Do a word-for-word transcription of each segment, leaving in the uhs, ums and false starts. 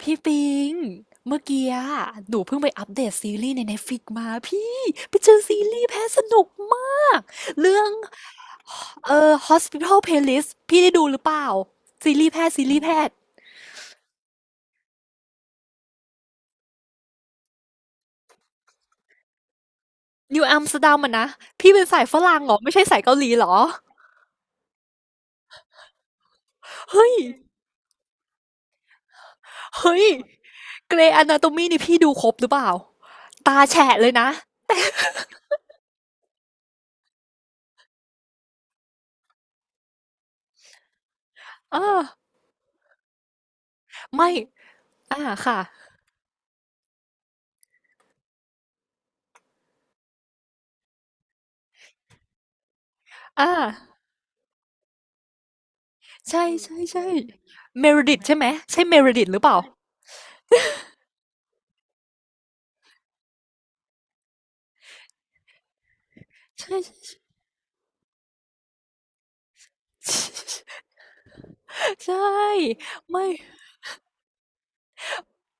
พี่ปิงเมื่อกี้อะหนูเพิ่งไปอัปเดตซีรีส์ใน Netflix มาพี่ไปเจอซีรีส์แพ้สนุกมากเรื่องเอ่อ Hospital Playlist พี่ได้ดูหรือเปล่าซีรีส์แพทย์ซีรีส์แพทย์นิวอัมสเตอร์ดัมอะนะพี่เป็นสายฝรั่งเหรอไม่ใช่สายเกาหลีเหรอเฮ้ยเฮ้ยเกรย์อนาโตมีนี่พี่ดูครบหรือเปล่าตาแฉะเลยนะเออไม่อ่าค่ะอ่าใช่ใช่ใช่เมริดิตใช่ไหมใช่เมริดิตหรือเปล่า ใช่ใช่ใช่ไม่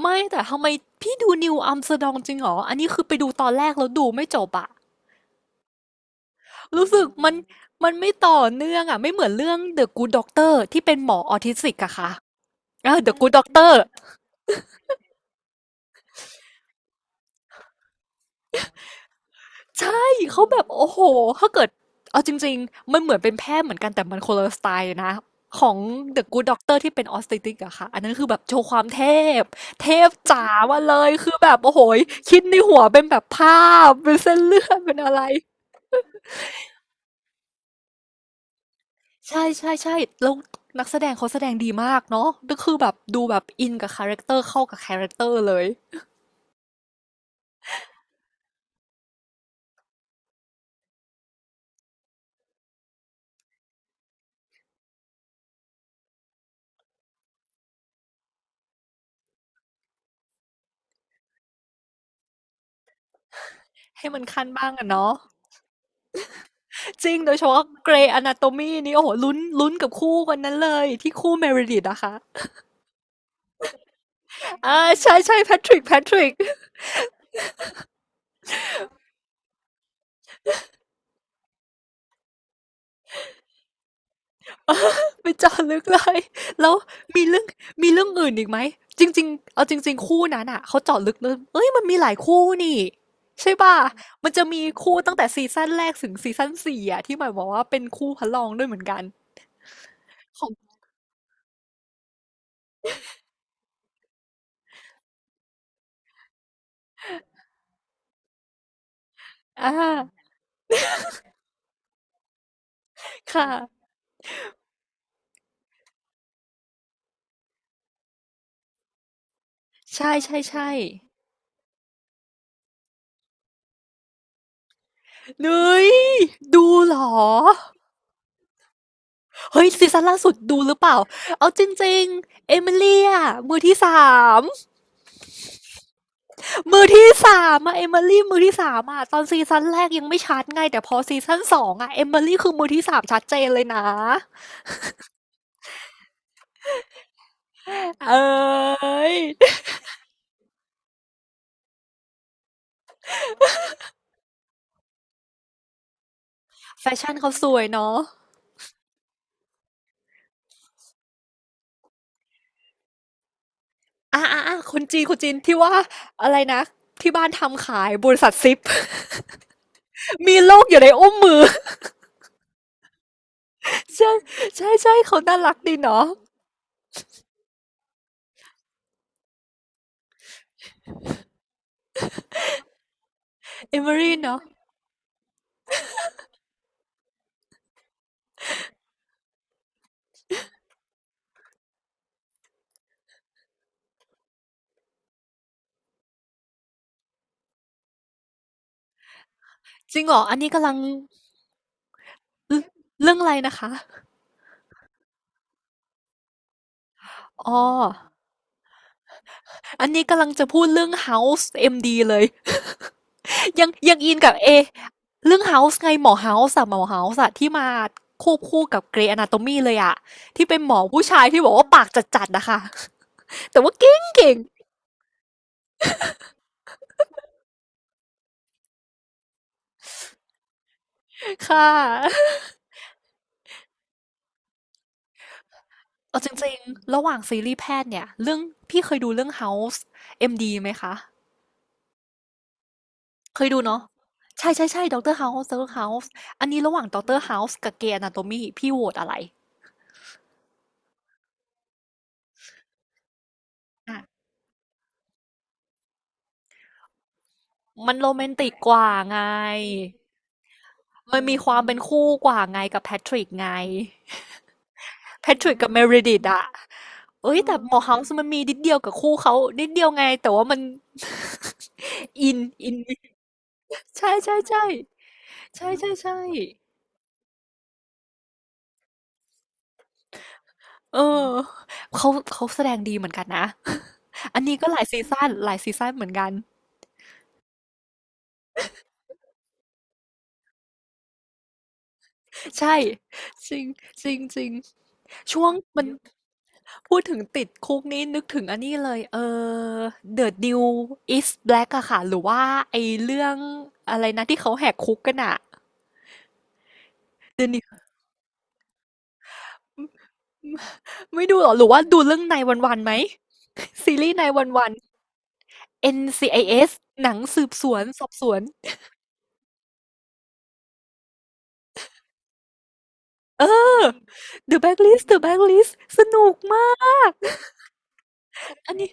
ไม่แต่ทำไมพี่ดู New Amsterdam จริงเหรออันนี้คือไปดูตอนแรกแล้วดูไม่จบอะรู้สึกมันมันไม่ต่อเนื่องอะไม่เหมือนเรื่อง The Good Doctor ที่เป็นหมอออทิสติกอะค่ะอ่า The Good Doctor ใช่เขาแบบโอ้โหถ้าเกิดเอาจริงๆมันเหมือนเป็นแพทย์เหมือนกันแต่มันคนละสไตล์เลยนะของ The Good Doctor ที่เป็นออส t ต t r i อะค่ะอันนั้นคือแบบโชว์ความเทพเทพจ๋ามาเลยคือแบบโอ้โหคิดในหัวเป็นแบบภาพเป็นเส้นเลือดเป็นอะไรใช่ๆๆแล้วนักแสดงเขาแสดงดีมากเนาะก็คือแบบดูแบบอินกับคาแรคเตอร์เข้ากับคาแรคเตอร์เลยให้มันคันบ้างอะเนาะจริงโดยเฉพาะ g r e y Anatomy นี่โอ้โหลุ้นลุ้นกับคู่คนนั้นเลยที่คู่ Meredith อะค่ะ อ่าใช่ใช่แพทริกแพทริก ไปเจาะลึกเลยแล้วมีเรื่องมีเรื่องอื่นอีกไหมจริงๆเอาจริงๆคู่นั้นอ่ะเขาเจาะลึกเลยเอ้ยมันมีหลายคู่นี่ใช่ป่ะมันจะมีคู่ตั้งแต่ซีซั่นแรกถึงซีซั่นสี่อ่ะที่หมายบอกว่าเป็นคู่พระรองด้วยเหมือนกันของอ่าค่ะใช่ใช่ใช่เนยดูเหรอเฮ้ยซีซั่นล่าสุดดูหรือเปล่าเอาจริงๆเอมิลีอะมือที่สาม มือที่สามอะเอมิลี่มือที่สามอะตอนซีซั่นแรกยังไม่ชัดไงแต่พอซีซั่นสองอะเอมิลี่คือมือที่สามชัดเจนเลยนะเอ้ยแฟชั่นเขาสวยเนาะอ่ะอ่ะอ่ะคนจีนคนจีนที่ว่าอะไรนะที่บ้านทำขายบริษัทซิป มีโลกอยู่ในอุ้มมือ ใช่ใช่ใช่เขาน่ารักดีเนาะเอมิลี่เนาะจริงเหรออันนี้กำลังเรื่องเรื่องอะไรนะคะอ๋ออันนี้กำลังจะพูดเรื่อง House เอ็มดีเลย ยังยังอินกับเอเรื่องเฮาส์ไงหมอเฮาส์อะหมอเฮาส์อะที่มาควบคู่กับเกรย์อนาโตมีเลยอะที่เป็นหมอผู้ชายที่บอกว่าปากจัดๆนะคะ แต่ว่าเก่งเก่งๆค่ะ เอาจริงๆระหว่างซีรีส์แพทย์เนี่ยเรื่องพี่เคยดูเรื่อง House เอ็ม ดี ไหมคะเคยดูเนาะใช่ใช่ใช่ด็อกเตอร์เฮาส์ด็อกเตอร์เฮาส์อันนี้ระหว่างด็อกเตอร์เฮาส์กับเกรย์อนาโตมีพี่โหวตอะไรอ่ะมันโรแมนติกกว่าไงมันมีความเป็นคู่กว่าไงกับแพทริกไง แพทริกกับเมริดิตอะเอ้ยอืแต่หมอมเฮาส์มันมีนิดเดียวกับคู่เขา นิดเดียวไงแต่ว่ามัน อินอินใช่ใช่ใช่ใช่ใช่ใช่เออเขาเขาแสดงดีเหมือนกันนะ อันนี้ก็หลายซีซั่นหลายซีซั่นเหมือนกันใช่จริงจริงจริงช่วงมันพูดถึงติดคุกนี้นึกถึงอันนี้เลยเออ The New is Black อะค่ะหรือว่าไอเรื่องอะไรนะที่เขาแหกคุกกันอะ The New ไม่ดูเหรอหรือว่าดูเรื่องนายวันๆไหม ซีรีส์นายวันๆ เอ็น ซี ไอ เอส หนังสืบสวนสอบสวนเออ The Blacklist The Blacklist สนุกมากอันนี้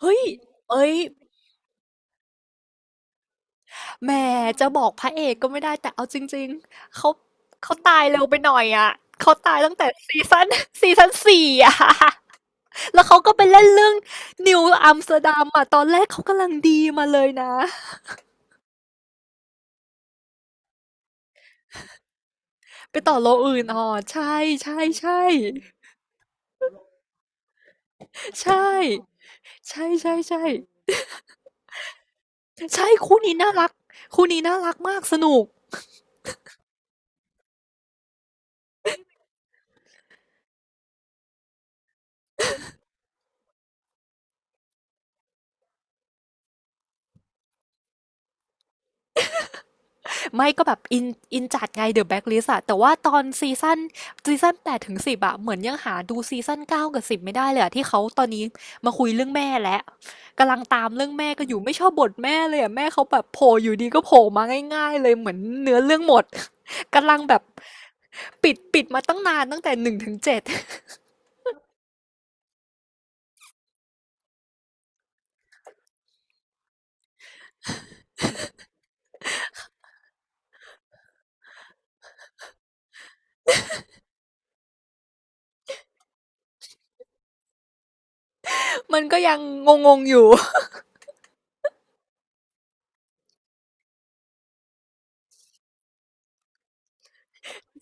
เฮ้ยเอ้ยแหมจะบอกพระเอกก็ไม่ได้แต่เอาจริงๆเขาเขาตายเร็วไปหน่อยอ่ะเขาตายตั้งแต่ซีซัน ซีซัน สี่อ่ะ แล้วเขาก็ไปเล่นเรื่องนิวอัมสเตอร์ดัมอ่ะตอนแรกเขากำลังดีมาเลยนะไปต่อโลอื่นอ๋อใช่ใช่ใช่ ใช่ใช่ใช่ใช่ใช่คู่นี้น่ารักคู่นี้น่ารักมากสนุกไม่ก็แบบอินอินจัดไง The Blacklist อะแต่ว่าตอนซีซั่นซีซั่นแปดถึงสิบอะเหมือนยังหาดูซีซั่นเก้ากับสิบไม่ได้เลยอะที่เขาตอนนี้มาคุยเรื่องแม่แล้วกำลังตามเรื่องแม่ก็อยู่ไม่ชอบบทแม่เลยอะแม่เขาแบบโผล่อยู่ดีก็โผล่มาง่ายๆเลยเหมือนเนื้อเรื่องหมดกำลังแบบปิดปิดมาตั้งนานตั้งแต่หนึ่งถึงเจ็ด มันก็ยังงงๆอยู่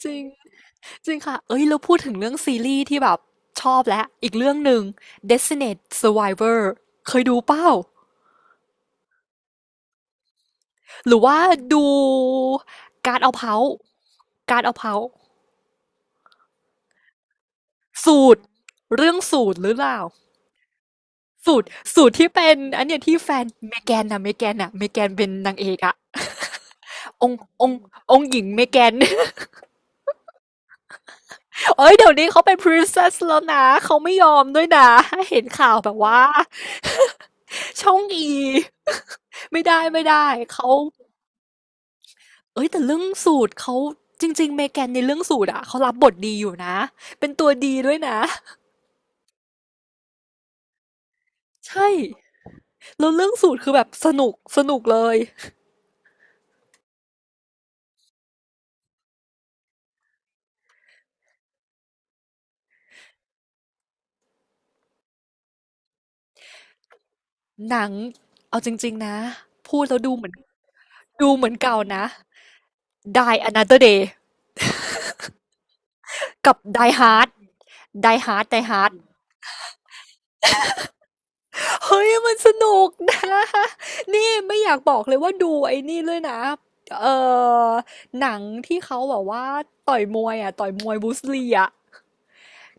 จริง จริงค่ะ เอ้ย เราพูดถึงเรื่องซีรีส์ที่แบบชอบแล้ว อีกเรื่องหนึ่ง Designated Survivor เคยดูเปล่าหรือว่าดูการเอาเผาการเอาเผาสูตรเรื่องสูตรหรือเปล่า สูตรสูตรที่เป็นอันเนี้ยที่แฟนเมแกนนะเมแกนอะเมแกนเป็นนางเอกอะองค์องค์องค์หญิงเมแกน เอ้ย เดี๋ยวนี้เขาเป็น princess แล้วนะ เขาไม่ยอมด้วยนะเห็นข่าวแบบว่าช่องอี ไม่ได้ไม่ได้เขา เอ้ยแต่เรื่องสูตรเขาจริงๆเมแกนในเรื่องสูตรอะเขารับบทดีอยู่นะเป็นตัวดีด้วยนะใช่แล้วเรื่องสูตรคือแบบสนุกสนุกเลยหนังเอาจริงๆนะพูดแล้วดูเหมือนดูเหมือนเก่านะ Die Another Day กับ Die Hard Die Hard Die Hard เฮ้ยมันสนุกนะนี่ไม่อยากบอกเลยว่าดูไอ้นี่เลยนะเอ่อหนังที่เขาแบบว่าต่อยมวยอ่ะต่อยมวยบรูสลีอ่ะ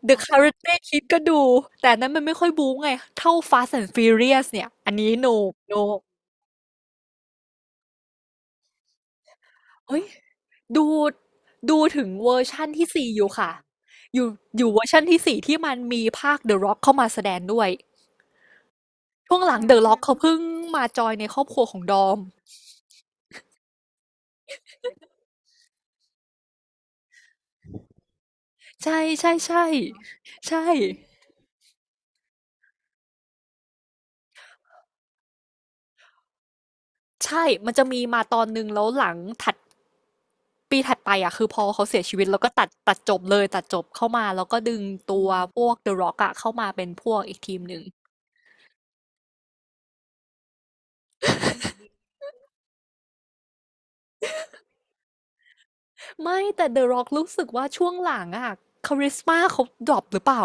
The Karate Kid ก็ดู แต่อันนั้นมันไม่ค่อยบู๊ไง เท่า Fast and Furious เนี่ย อันนี้ no no เอ้ยดูดูถึงเวอร์ชั่นที่สี่อยู่ค่ะอยู่อยู่เวอร์ชั่นที่สี่ที่มันมีภาค The Rock เข้ามาแสดงด้วยช่วงหลัง The Rock เขาเพิ่งมาจอยในครอบครัวของดอมใช่ใช่ใช่ใช่ใช่ มันจะมีมาตอนหนึ่งแล้วหลังถัด ปีถัดไปอะคือพอเขาเสียชีวิตแล้วก็ตัดตัดจบเลยตัดจบเข้ามาแล้วก็ดึงตัวพวก The Rock อะเข้ามาเป็นพวกอีกทีมหนึ่งไม่แต่ The Rock รู้สึกว่าช่วงหลังอะคาริสมาเขาดรอปหรือเปล่า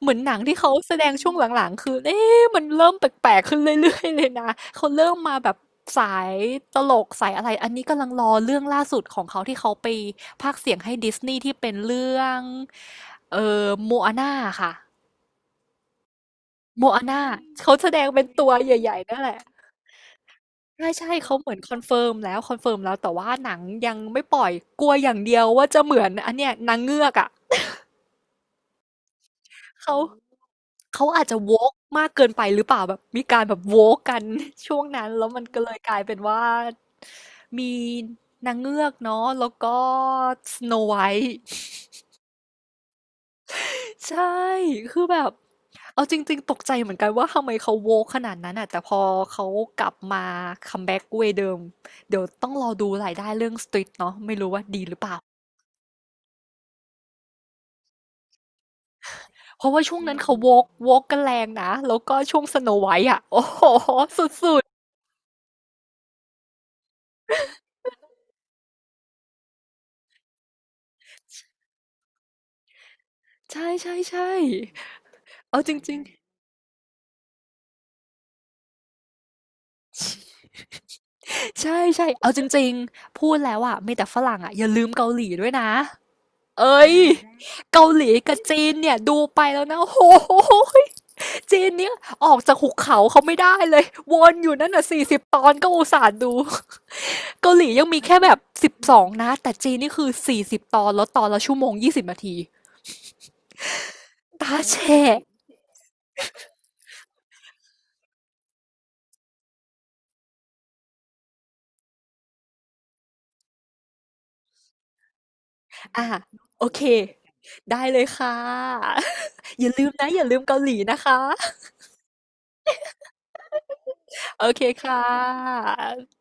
เหมือนหนังที่เขาแสดงช่วงหลังๆคือเอ๊ะมันเริ่มแปลกๆขึ้นเรื่อยๆเลยนะเขาเริ่มมาแบบสายตลกสายอะไรอันนี้กำลังรอเรื่องล่าสุดของเขาที่เขาไปพากย์เสียงให้ดิสนีย์ที่เป็นเรื่องเอ่อโมอาน่าค่ะ โมอาน่าเขาแสดงเป็นตัวใหญ่ๆนั่นแหละใช่ๆเขาเหมือนคอนเฟิร์มแล้วคอนเฟิร์มแล้วแต่ว่าหนังยังไม่ปล่อยกลัวอย่างเดียวว่าจะเหมือนอันเนี้ยนางเงือกอะเขาเขาอาจจะ woke มากเกินไปหรือเปล่าแบบมีการแบบ woke กัน ช่วงนั้นแล้วมันก็เลยกลายเป็นว่ามีนางเงือกเนาะแล้วก็ Snow White ใช่ คือแบบ เอาจริงๆตกใจเหมือนกันว่าทำไมเขาโวขนาดนั้นอ่ะแต่พอเขากลับมาคัมแบ็กเวย์เดิม เดี๋ยวต้องรอดูรายได้เรื่องสตรีทเนาะไม่รู้ว่าดีหรือเปล่า เพราะว่าช่วงนั้นเขาโวกโวกกันแรงนะ แล้วก็ช่วงสโนไวท์อ่ะ โอ้โหสุดๆ ใช่ใช่ใช่เอาจริงๆใช่ใช่เอาจริงๆพูดแล้วอ่ะมีแต่ฝรั่งอ่ะอย่าลืมเกาหลีด้วยนะ เอ้ยเกาหลีกับจีนเนี่ยดูไปแล้วนะโอ้โหยจีนเนี่ยออกจากหุบเขาเขาไม่ได้เลยวนอยู่นั่นน่ะสี่สิบตอนก็อุตส่าห์ดูเกาหลียังมีแค่แบบสิบสองนะแต่จีนนี่คือสี่สิบตอนแล้วตอนละชั่วโมงยี่สิบนาทีตาแฉะอ่ะโอเคได้เลยค่ะ อย่าลืมนะอย่าลืมเกาหลีนะคะโอเคค่ะ